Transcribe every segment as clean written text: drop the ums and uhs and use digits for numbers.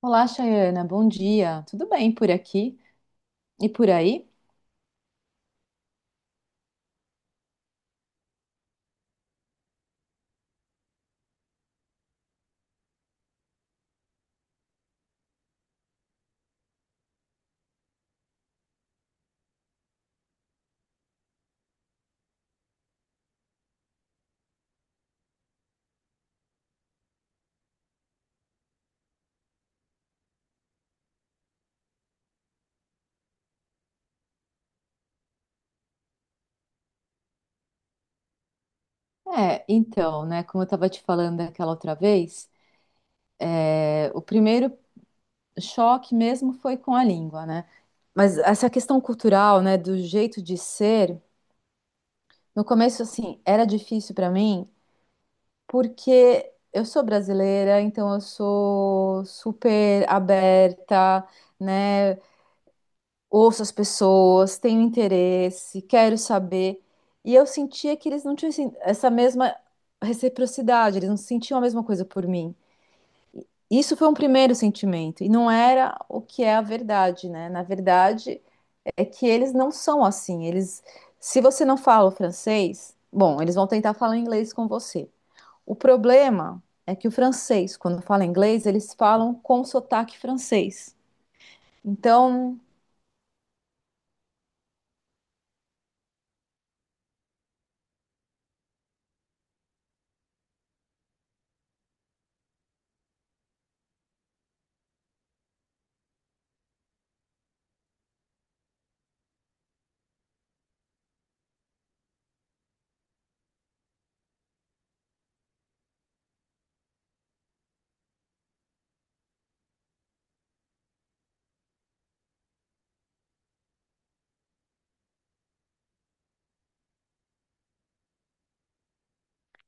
Olá, Chayana, bom dia. Tudo bem por aqui e por aí? Como eu estava te falando aquela outra vez, o primeiro choque mesmo foi com a língua, né? Mas essa questão cultural, né, do jeito de ser, no começo, assim, era difícil para mim, porque eu sou brasileira, então eu sou super aberta, né? Ouço as pessoas, tenho interesse, quero saber. E eu sentia que eles não tinham essa mesma reciprocidade, eles não sentiam a mesma coisa por mim. Isso foi um primeiro sentimento, e não era o que é a verdade, né? Na verdade, é que eles não são assim. Eles, se você não fala o francês, bom, eles vão tentar falar inglês com você. O problema é que o francês, quando fala inglês, eles falam com sotaque francês. Então,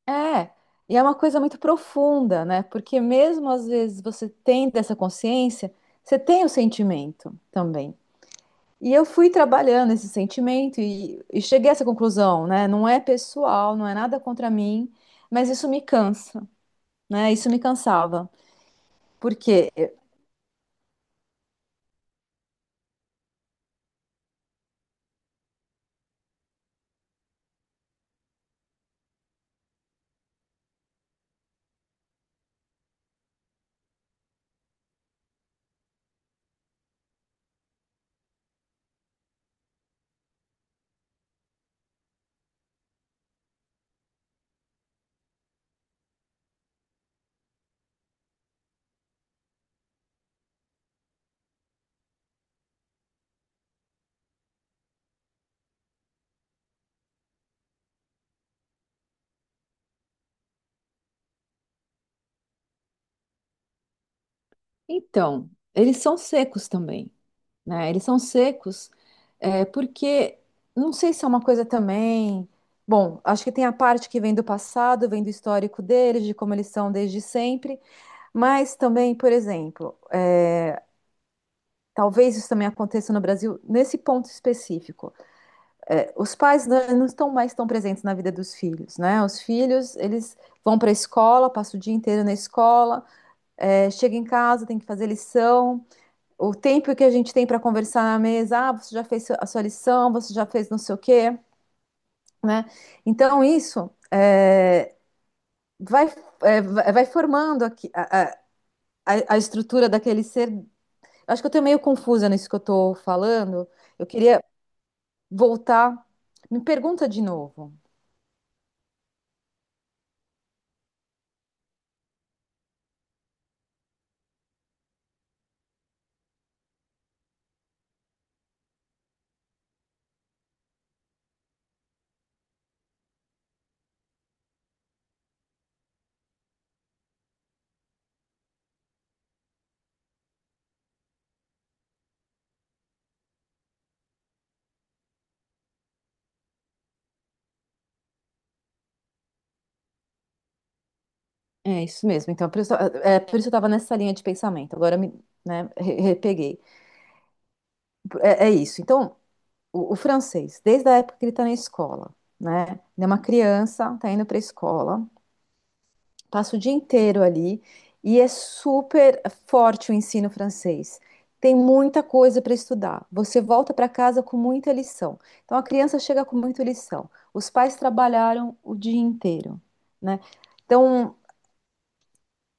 é, e é uma coisa muito profunda, né? Porque mesmo às vezes você tem dessa consciência, você tem o sentimento também. E eu fui trabalhando esse sentimento e cheguei a essa conclusão, né? Não é pessoal, não é nada contra mim, mas isso me cansa, né? Isso me cansava. Porque, então, eles são secos também. Né? Eles são secos, é, porque não sei se é uma coisa também. Bom, acho que tem a parte que vem do passado, vem do histórico deles, de como eles são desde sempre, mas também, por exemplo, talvez isso também aconteça no Brasil nesse ponto específico. É, os pais não estão mais tão presentes na vida dos filhos, né? Os filhos, eles vão para a escola, passam o dia inteiro na escola, chega em casa, tem que fazer lição. O tempo que a gente tem para conversar na mesa, ah, você já fez a sua lição, você já fez não sei o quê, né? Então, vai, é, vai formando aqui a estrutura daquele ser. Acho que eu estou meio confusa nisso que eu estou falando. Eu queria voltar. Me pergunta de novo. É isso mesmo. Então, por isso, por isso eu estava nessa linha de pensamento. Agora me, né, repeguei. É, é isso. Então, o francês, desde a época que ele está na escola, né? Ele é uma criança, está indo para a escola, passa o dia inteiro ali e é super forte o ensino francês. Tem muita coisa para estudar. Você volta para casa com muita lição. Então a criança chega com muita lição. Os pais trabalharam o dia inteiro, né? Então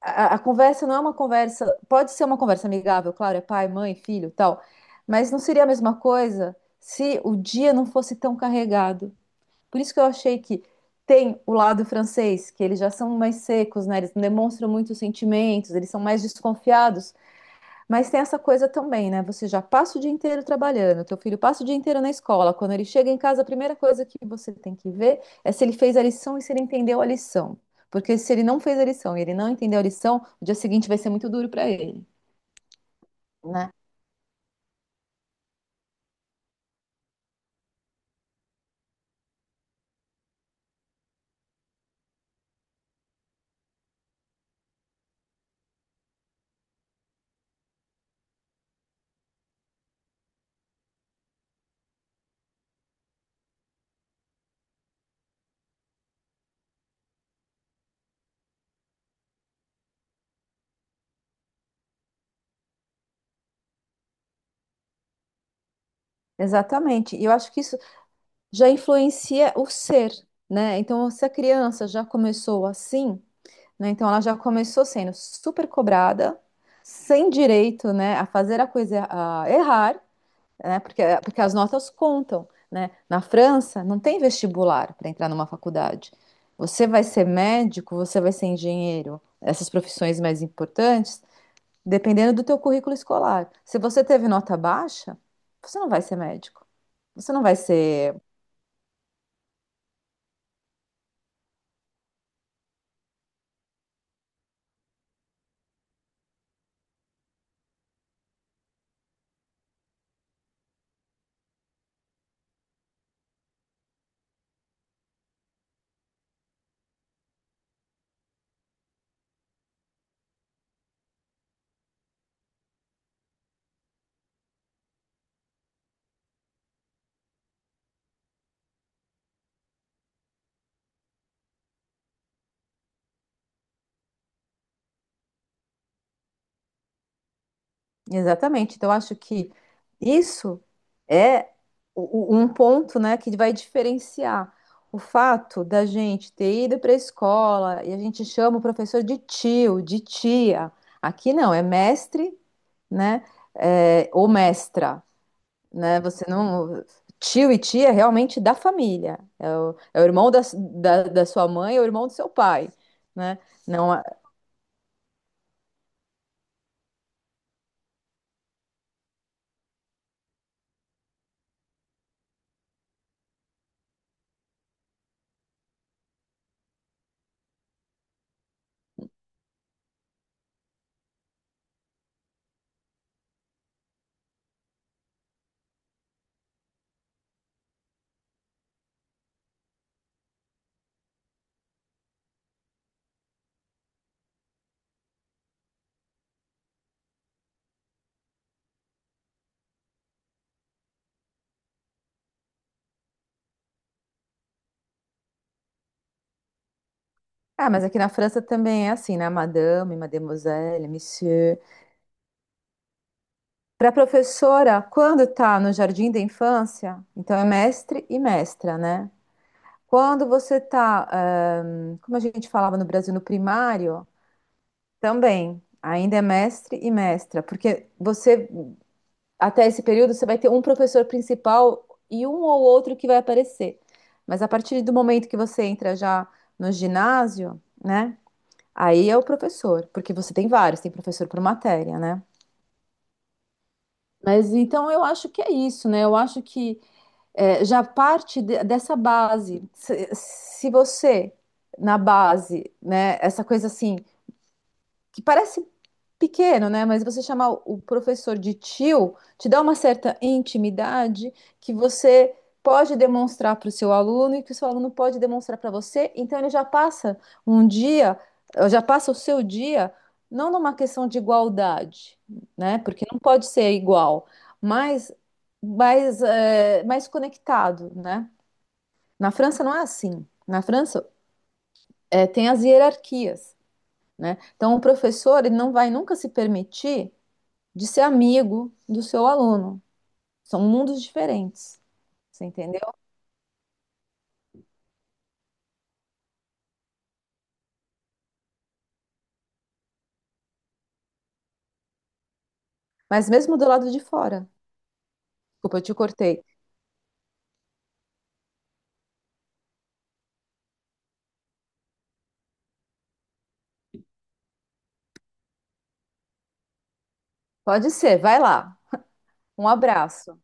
a conversa não é uma conversa, pode ser uma conversa amigável, claro, é pai, mãe, filho, tal, mas não seria a mesma coisa se o dia não fosse tão carregado, por isso que eu achei que tem o lado francês, que eles já são mais secos, né? Eles demonstram muitos sentimentos, eles são mais desconfiados. Mas tem essa coisa também, né? Você já passa o dia inteiro trabalhando, teu filho passa o dia inteiro na escola. Quando ele chega em casa, a primeira coisa que você tem que ver é se ele fez a lição e se ele entendeu a lição. Porque se ele não fez a lição e ele não entendeu a lição, o dia seguinte vai ser muito duro para ele, né? Exatamente. E eu acho que isso já influencia o ser, né? Então, se a criança já começou assim, né? Então ela já começou sendo super cobrada, sem direito, né, a fazer a coisa, a errar, né? Porque as notas contam, né? Na França não tem vestibular para entrar numa faculdade. Você vai ser médico, você vai ser engenheiro, essas profissões mais importantes, dependendo do teu currículo escolar. Se você teve nota baixa, você não vai ser médico. Você não vai ser. Exatamente. Então, eu acho que isso é um ponto, né, que vai diferenciar o fato da gente ter ido para a escola e a gente chama o professor de tio, de tia. Aqui não, é mestre, né, é, ou mestra, né? Você não. Tio e tia é realmente da família. É o, é o irmão da sua mãe, é o irmão do seu pai, né? Não, é- ah, mas aqui na França também é assim, né? Madame, mademoiselle, monsieur. Para a professora, quando está no jardim da infância, então é mestre e mestra, né? Quando você está, como a gente falava no Brasil, no primário, também ainda é mestre e mestra, porque você, até esse período, você vai ter um professor principal e um ou outro que vai aparecer. Mas a partir do momento que você entra já no ginásio, né? Aí é o professor, porque você tem vários, tem professor por matéria, né? Mas então eu acho que é isso, né? Eu acho que é, já parte dessa base. Se você, na base, né, essa coisa assim, que parece pequeno, né? Mas você chamar o professor de tio te dá uma certa intimidade que você pode demonstrar para o seu aluno e que o seu aluno pode demonstrar para você. Então ele já passa um dia, já passa o seu dia não numa questão de igualdade, né? Porque não pode ser igual, mas mais, é, mais conectado, né? Na França não é assim. Na França é, tem as hierarquias, né? Então, o professor ele não vai nunca se permitir de ser amigo do seu aluno. São mundos diferentes, você entendeu? Mas mesmo do lado de fora. Desculpa, eu te cortei. Pode ser, vai lá. Um abraço.